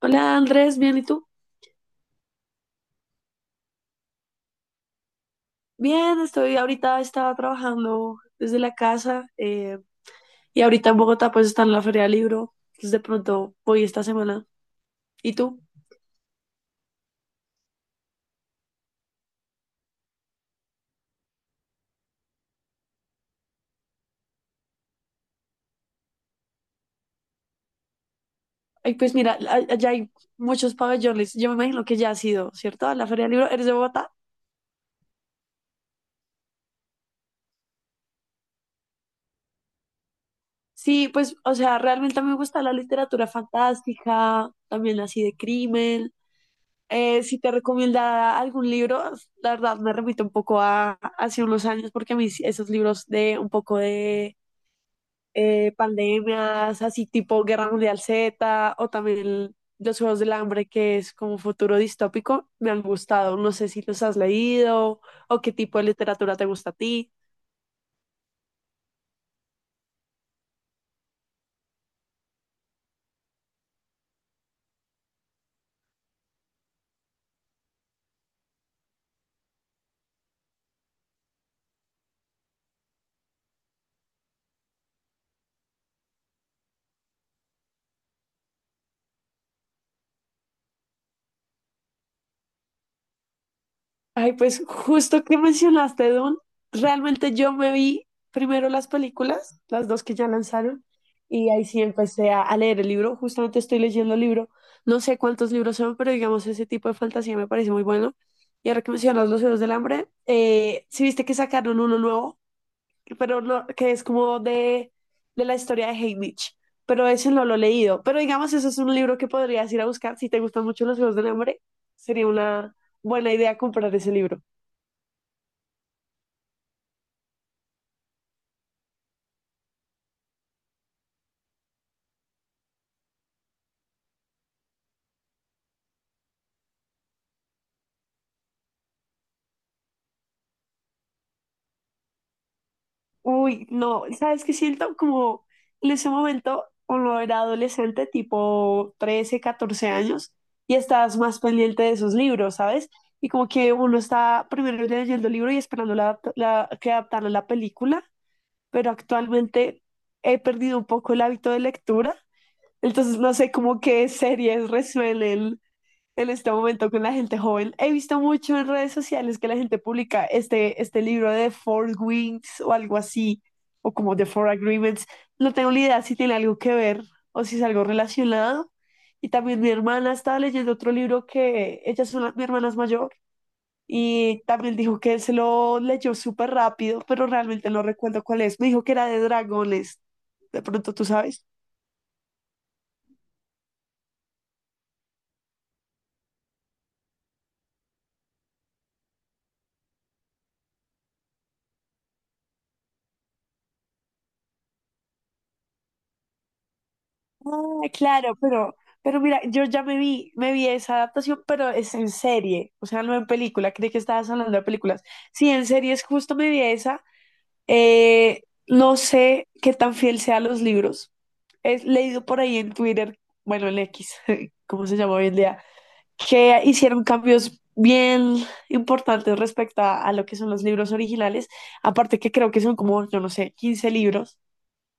Hola Andrés, bien, ¿y tú? Bien, estoy ahorita, estaba trabajando desde la casa, y ahorita en Bogotá pues está en la Feria del Libro, entonces de pronto voy esta semana. ¿Y tú? Ay, pues mira, allá hay muchos pabellones, yo me imagino que ya has ido, ¿cierto? A la Feria del Libro, ¿eres de Bogotá? Sí, pues, o sea, realmente a mí me gusta la literatura fantástica, también así de crimen. Si te recomienda algún libro, la verdad me remito un poco a hace unos años porque a mí sí, esos libros de un poco de pandemias, así tipo Guerra Mundial Z o también los Juegos del Hambre, que es como futuro distópico, me han gustado. No sé si los has leído o qué tipo de literatura te gusta a ti. Ay, pues justo que mencionaste Dune, realmente yo me vi primero las películas, las dos que ya lanzaron, y ahí sí empecé a leer el libro. Justamente estoy leyendo el libro, no sé cuántos libros son, pero digamos ese tipo de fantasía me parece muy bueno. Y ahora que mencionas Los Juegos del Hambre, sí viste que sacaron uno nuevo, pero no, que es como de la historia de Haymitch, pero ese no lo he leído. Pero digamos, eso es un libro que podrías ir a buscar si te gustan mucho Los Juegos del Hambre, sería una buena idea comprar ese libro. Uy, no, ¿sabes qué siento? Como en ese momento uno era adolescente, tipo 13 14 años, y estás más pendiente de esos libros, ¿sabes? Y como que uno está primero leyendo el libro y esperando que adaptaran la película, pero actualmente he perdido un poco el hábito de lectura, entonces no sé cómo qué series resuelven en este momento con la gente joven. He visto mucho en redes sociales que la gente publica este libro de Four Wings o algo así, o como The Four Agreements. No tengo ni idea si tiene algo que ver o si es algo relacionado. Y también mi hermana estaba leyendo otro libro que mi hermana es mayor y también dijo que él se lo leyó súper rápido, pero realmente no recuerdo cuál es. Me dijo que era de dragones. De pronto tú sabes. Ah, claro, pero mira, yo ya me vi esa adaptación, pero es en serie, o sea, no en película. Creí que estabas hablando de películas. Sí, en serie es justo me vi esa. No sé qué tan fiel sea a los libros. Es leído por ahí en Twitter, bueno, en X, ¿cómo se llama hoy en día? Que hicieron cambios bien importantes respecto a lo que son los libros originales, aparte que creo que son como, yo no sé, 15 libros.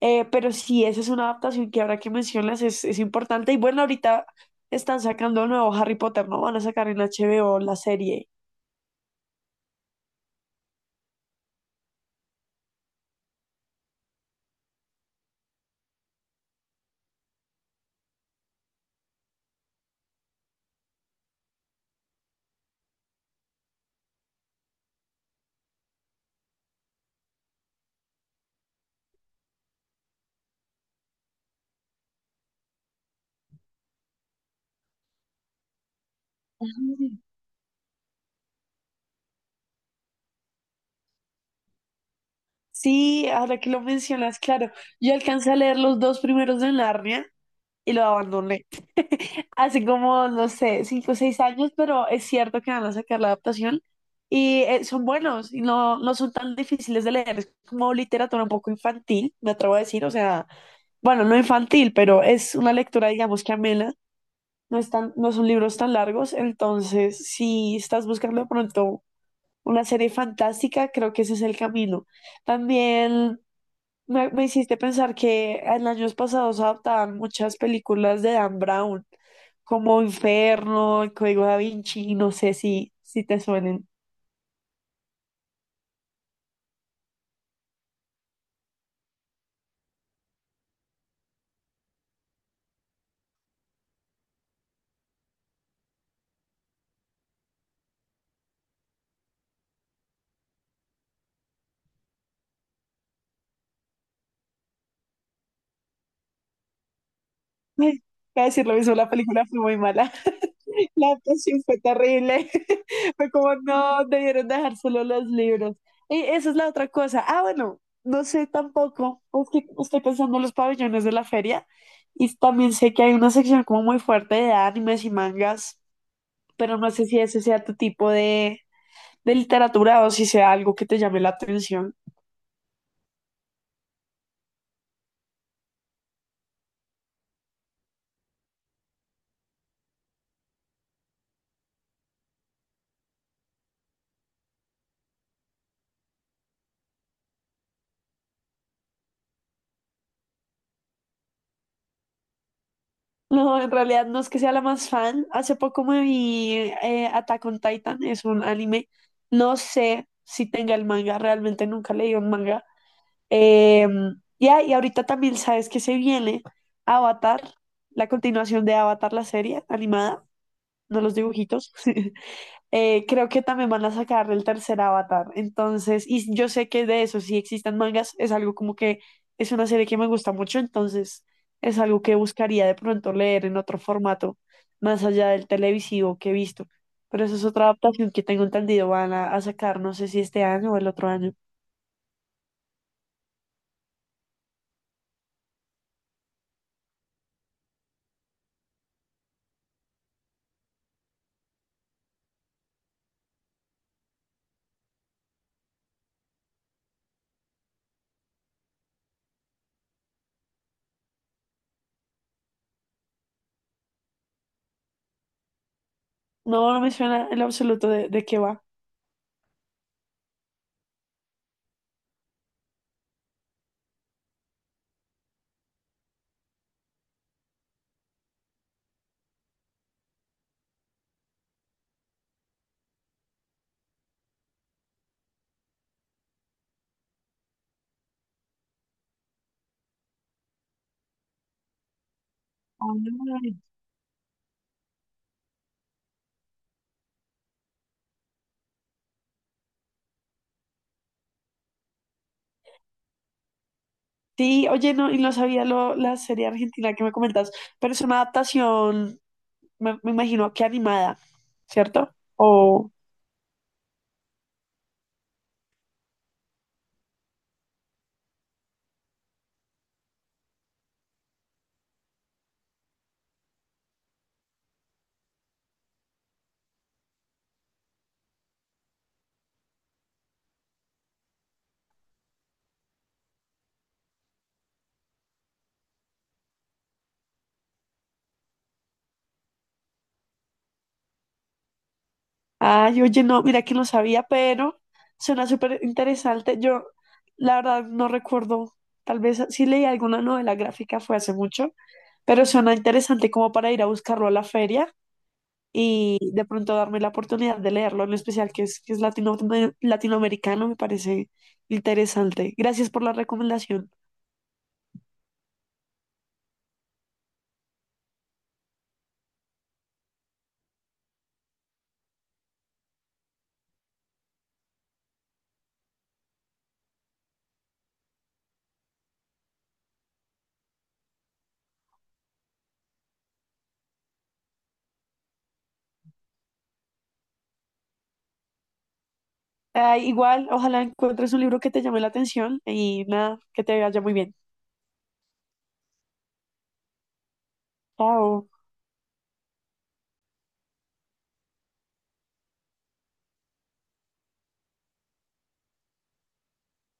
Pero sí, esa es una adaptación que ahora que mencionas es importante y bueno, ahorita están sacando el nuevo Harry Potter, ¿no? Van a sacar en HBO la serie. Sí, ahora que lo mencionas, claro, yo alcancé a leer los dos primeros de Narnia y lo abandoné. Hace como, no sé, 5 o 6 años, pero es cierto que van a sacar la adaptación y, son buenos y no, no son tan difíciles de leer. Es como literatura un poco infantil, me atrevo a decir, o sea, bueno, no infantil, pero es una lectura, digamos, que amena. No son libros tan largos, entonces si estás buscando de pronto una serie fantástica, creo que ese es el camino. También me hiciste pensar que en años pasados adaptaban muchas películas de Dan Brown, como Inferno, El Código Da Vinci, no sé si te suenen. Ay, voy a decir lo mismo, la película fue muy mala, la adaptación fue terrible, fue como no, debieron dejar solo los libros. Y esa es la otra cosa. Ah, bueno, no sé tampoco, es que estoy pensando en los pabellones de la feria y también sé que hay una sección como muy fuerte de animes y mangas. Pero no sé si ese sea tu tipo de literatura o si sea algo que te llame la atención. No, en realidad no es que sea la más fan. Hace poco me vi, Attack on Titan, es un anime. No sé si tenga el manga, realmente nunca leí un manga. Eh, ya, y ahorita también sabes que se viene Avatar, la continuación de Avatar, la serie animada. No los dibujitos. Creo que también van a sacar el tercer Avatar. Entonces, y yo sé que de eso, si existen mangas, es algo como que es una serie que me gusta mucho, entonces es algo que buscaría de pronto leer en otro formato, más allá del televisivo que he visto. Pero eso es otra adaptación que tengo entendido, a sacar, no sé si este año o el otro año. No, no me suena en lo absoluto de qué va. Ah, sí, oye, no, y no sabía la serie argentina que me comentas, pero es una adaptación, me imagino que animada, ¿cierto? O, ay, oye, no, mira que no sabía, pero suena súper interesante. Yo, la verdad, no recuerdo, tal vez sí leí alguna novela gráfica, fue hace mucho, pero suena interesante como para ir a buscarlo a la feria y de pronto darme la oportunidad de leerlo, en especial que es latinoamericano, me parece interesante. Gracias por la recomendación. Ah, igual, ojalá encuentres un libro que te llame la atención y nada, que te vaya muy bien. Chao.